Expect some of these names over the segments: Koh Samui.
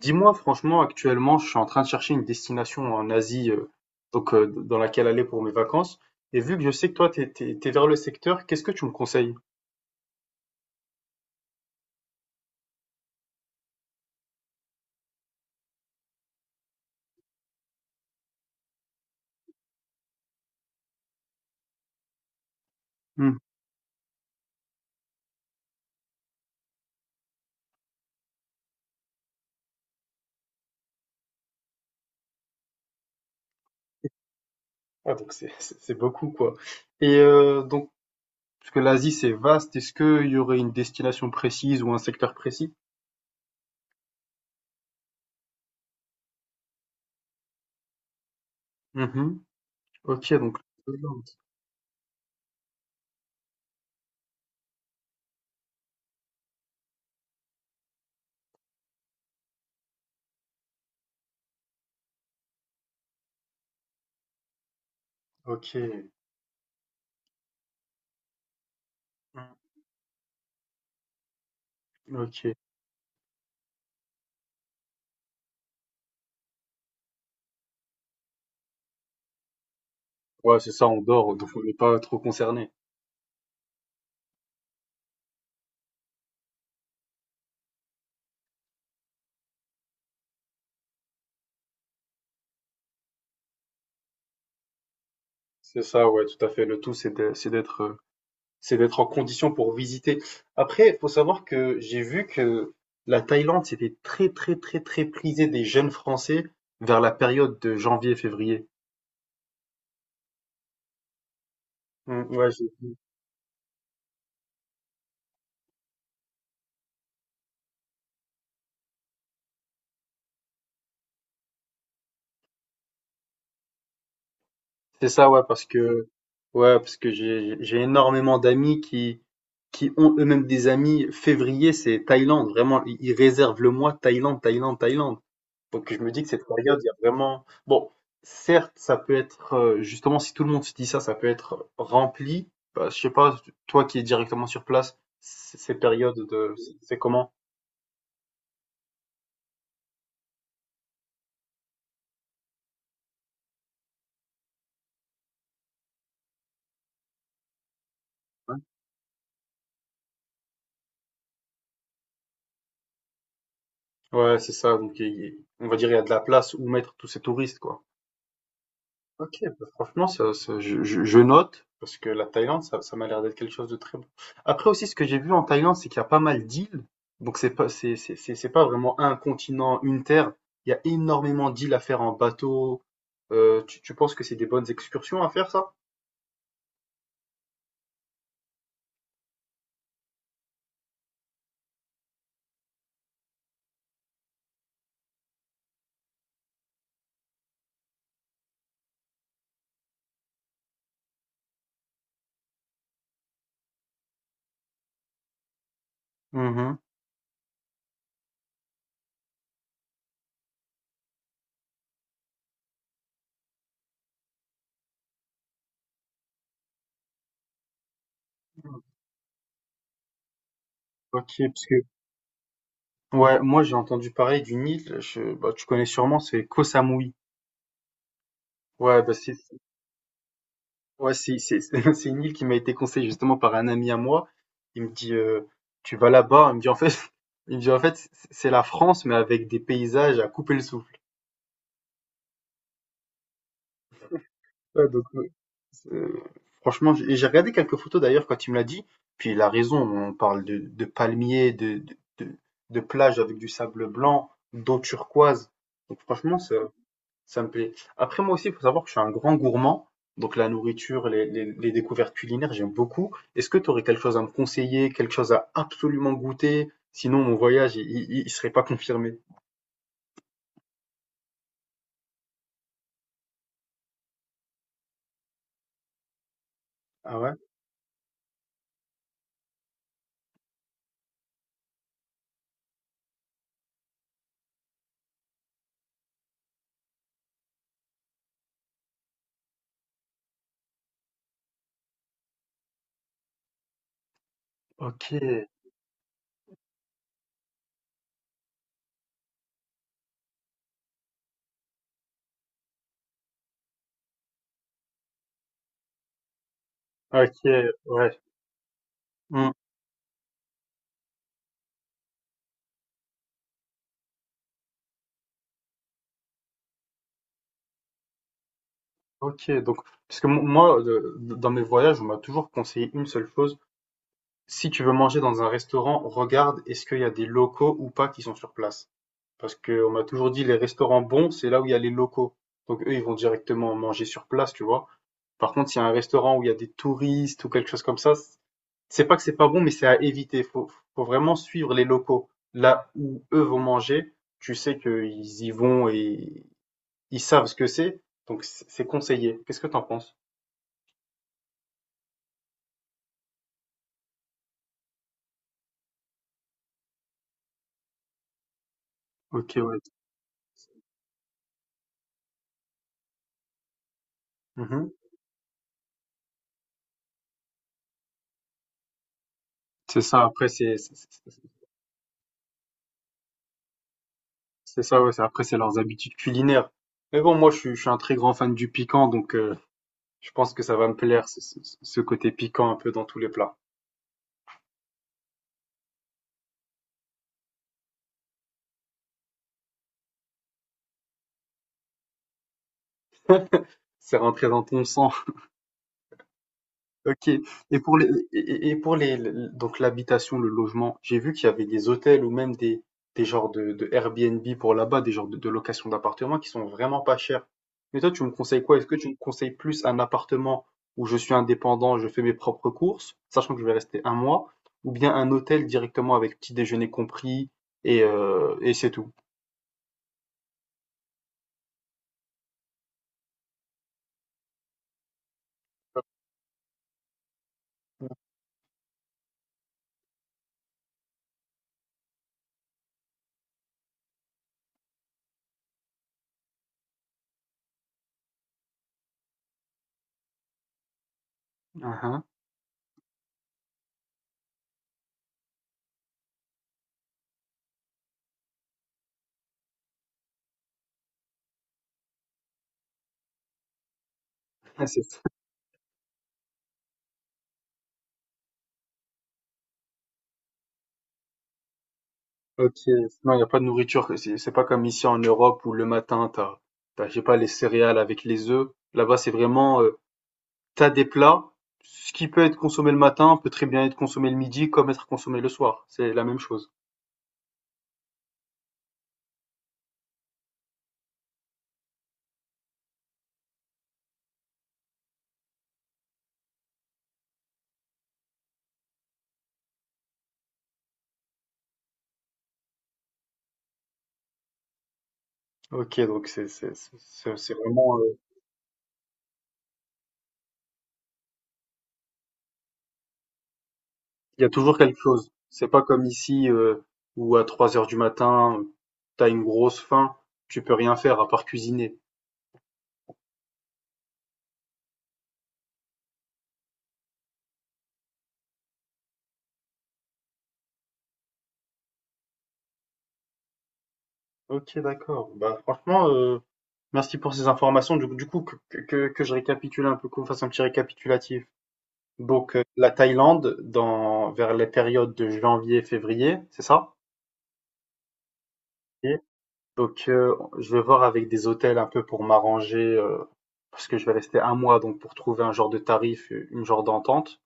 Dis-moi, franchement, actuellement, je suis en train de chercher une destination en Asie, donc dans laquelle aller pour mes vacances. Et vu que je sais que toi, t'es vers le secteur, qu'est-ce que tu me conseilles? Hmm. Ah, donc c'est beaucoup, quoi. Et donc, parce que l'Asie, c'est vaste, est-ce qu'il y aurait une destination précise ou un secteur précis? Mhm. Ok, donc. Le Thaïlande. Ok. Mm. Ok. Ouais, c'est ça, on dort, donc on n'est pas trop concerné. C'est ça, ouais, tout à fait. Le tout, c'est d'être c'est d'être en condition pour visiter. Après, il faut savoir que j'ai vu que la Thaïlande, c'était très, très, très, très prisé des jeunes Français vers la période de janvier-février. Mm, ouais, c'est ça, ouais, parce que j'ai énormément d'amis qui ont eux-mêmes des amis. Février, c'est Thaïlande, vraiment, ils réservent le mois Thaïlande, Thaïlande, Thaïlande. Donc je me dis que cette période, il y a vraiment... Bon, certes, ça peut être, justement, si tout le monde se dit ça, ça peut être rempli. Bah, je sais pas, toi qui es directement sur place, ces périodes de... c'est comment? Ouais, c'est ça. Donc on va dire il y a de la place où mettre tous ces touristes, quoi. OK, bah, franchement ça je note parce que la Thaïlande ça m'a l'air d'être quelque chose de très bon. Après aussi ce que j'ai vu en Thaïlande, c'est qu'il y a pas mal d'îles, donc c'est pas c'est c'est pas vraiment un continent, une terre. Il y a énormément d'îles à faire en bateau. Tu penses que c'est des bonnes excursions à faire ça? Mmh. OK, parce que ouais, moi j'ai entendu parler d'une île, je bah, tu connais sûrement, c'est Koh Samui. Ouais, bah, c'est ouais, c'est c'est une île qui m'a été conseillée justement par un ami à moi. Il me dit tu vas là-bas, il me dit en fait il me dit en fait c'est la France mais avec des paysages à couper le souffle. Ouais donc c'est franchement j'ai regardé quelques photos d'ailleurs quand il me l'a dit, puis il a raison, on parle de palmiers, de plages avec du sable blanc, d'eau turquoise, donc franchement ça ça me plaît. Après, moi aussi, il faut savoir que je suis un grand gourmand. Donc, la nourriture, les découvertes culinaires, j'aime beaucoup. Est-ce que tu aurais quelque chose à me conseiller, quelque chose à absolument goûter? Sinon, mon voyage, il serait pas confirmé. Ah ouais? Ok, ok, ouais. Hmm. Ok, donc, parce que moi, dans mes voyages, on m'a toujours conseillé une seule chose. Si tu veux manger dans un restaurant, regarde est-ce qu'il y a des locaux ou pas qui sont sur place. Parce qu'on m'a toujours dit les restaurants bons, c'est là où il y a les locaux. Donc eux, ils vont directement manger sur place, tu vois. Par contre, s'il y a un restaurant où il y a des touristes ou quelque chose comme ça, c'est pas que c'est pas bon, mais c'est à éviter. Faut vraiment suivre les locaux. Là où eux vont manger, tu sais qu'ils y vont et ils savent ce que c'est, donc c'est conseillé. Qu'est-ce que t'en penses? Ok, ouais. Mhm. C'est ça, après, c'est ça, ouais. Après, c'est leurs habitudes culinaires. Mais bon, moi, je suis un très grand fan du piquant, donc je pense que ça va me plaire, ce côté piquant un peu dans tous les plats. C'est rentré dans ton sang. Ok. Et pour les, et pour les, donc l'habitation, le logement, j'ai vu qu'il y avait des hôtels ou même des genres de Airbnb pour là-bas, des genres de location d'appartements qui sont vraiment pas chers. Mais toi, tu me conseilles quoi? Est-ce que tu me conseilles plus un appartement où je suis indépendant, je fais mes propres courses, sachant que je vais rester un mois, ou bien un hôtel directement avec petit déjeuner compris et c'est tout? Mhm. C'est OK. Non, il n'y a pas de nourriture. C'est pas comme ici en Europe où le matin, t'as, je sais pas, les céréales avec les œufs. Là-bas, c'est vraiment, t'as des plats. Ce qui peut être consommé le matin peut très bien être consommé le midi comme être consommé le soir. C'est la même chose. OK, donc c'est vraiment, il y a toujours quelque chose. C'est pas comme ici où à 3 heures du matin, t'as une grosse faim, tu peux rien faire à part cuisiner. Ok, d'accord. Bah, franchement, merci pour ces informations. Que je récapitule un peu, qu'on fasse un petit récapitulatif. Donc, la Thaïlande, dans, vers les périodes de janvier, février, c'est ça? Et donc, je vais voir avec des hôtels un peu pour m'arranger, parce que je vais rester un mois, donc pour trouver un genre de tarif, une genre d'entente.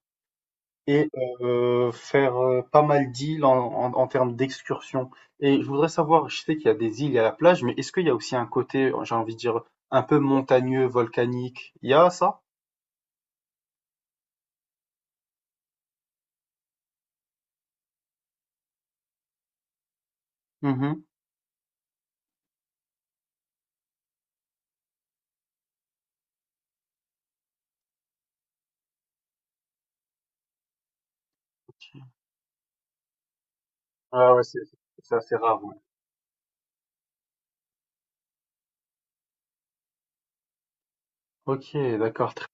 Et faire pas mal d'îles en termes d'excursion. Et je voudrais savoir, je sais qu'il y a des îles, il y a la plage, mais est-ce qu'il y a aussi un côté, j'ai envie de dire, un peu montagneux, volcanique? Il y a ça? Mhm. Ah ouais, c'est assez rare, ouais. Ok, d'accord.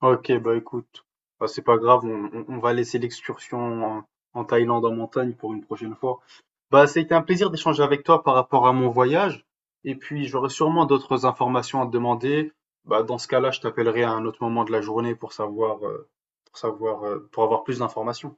Ok, bah écoute, bah, c'est pas grave, on va laisser l'excursion en, en Thaïlande en montagne pour une prochaine fois. Bah, ça a été un plaisir d'échanger avec toi par rapport à mon voyage. Et puis, j'aurai sûrement d'autres informations à te demander. Bah, dans ce cas-là, je t'appellerai à un autre moment de la journée pour savoir, pour savoir, pour avoir plus d'informations.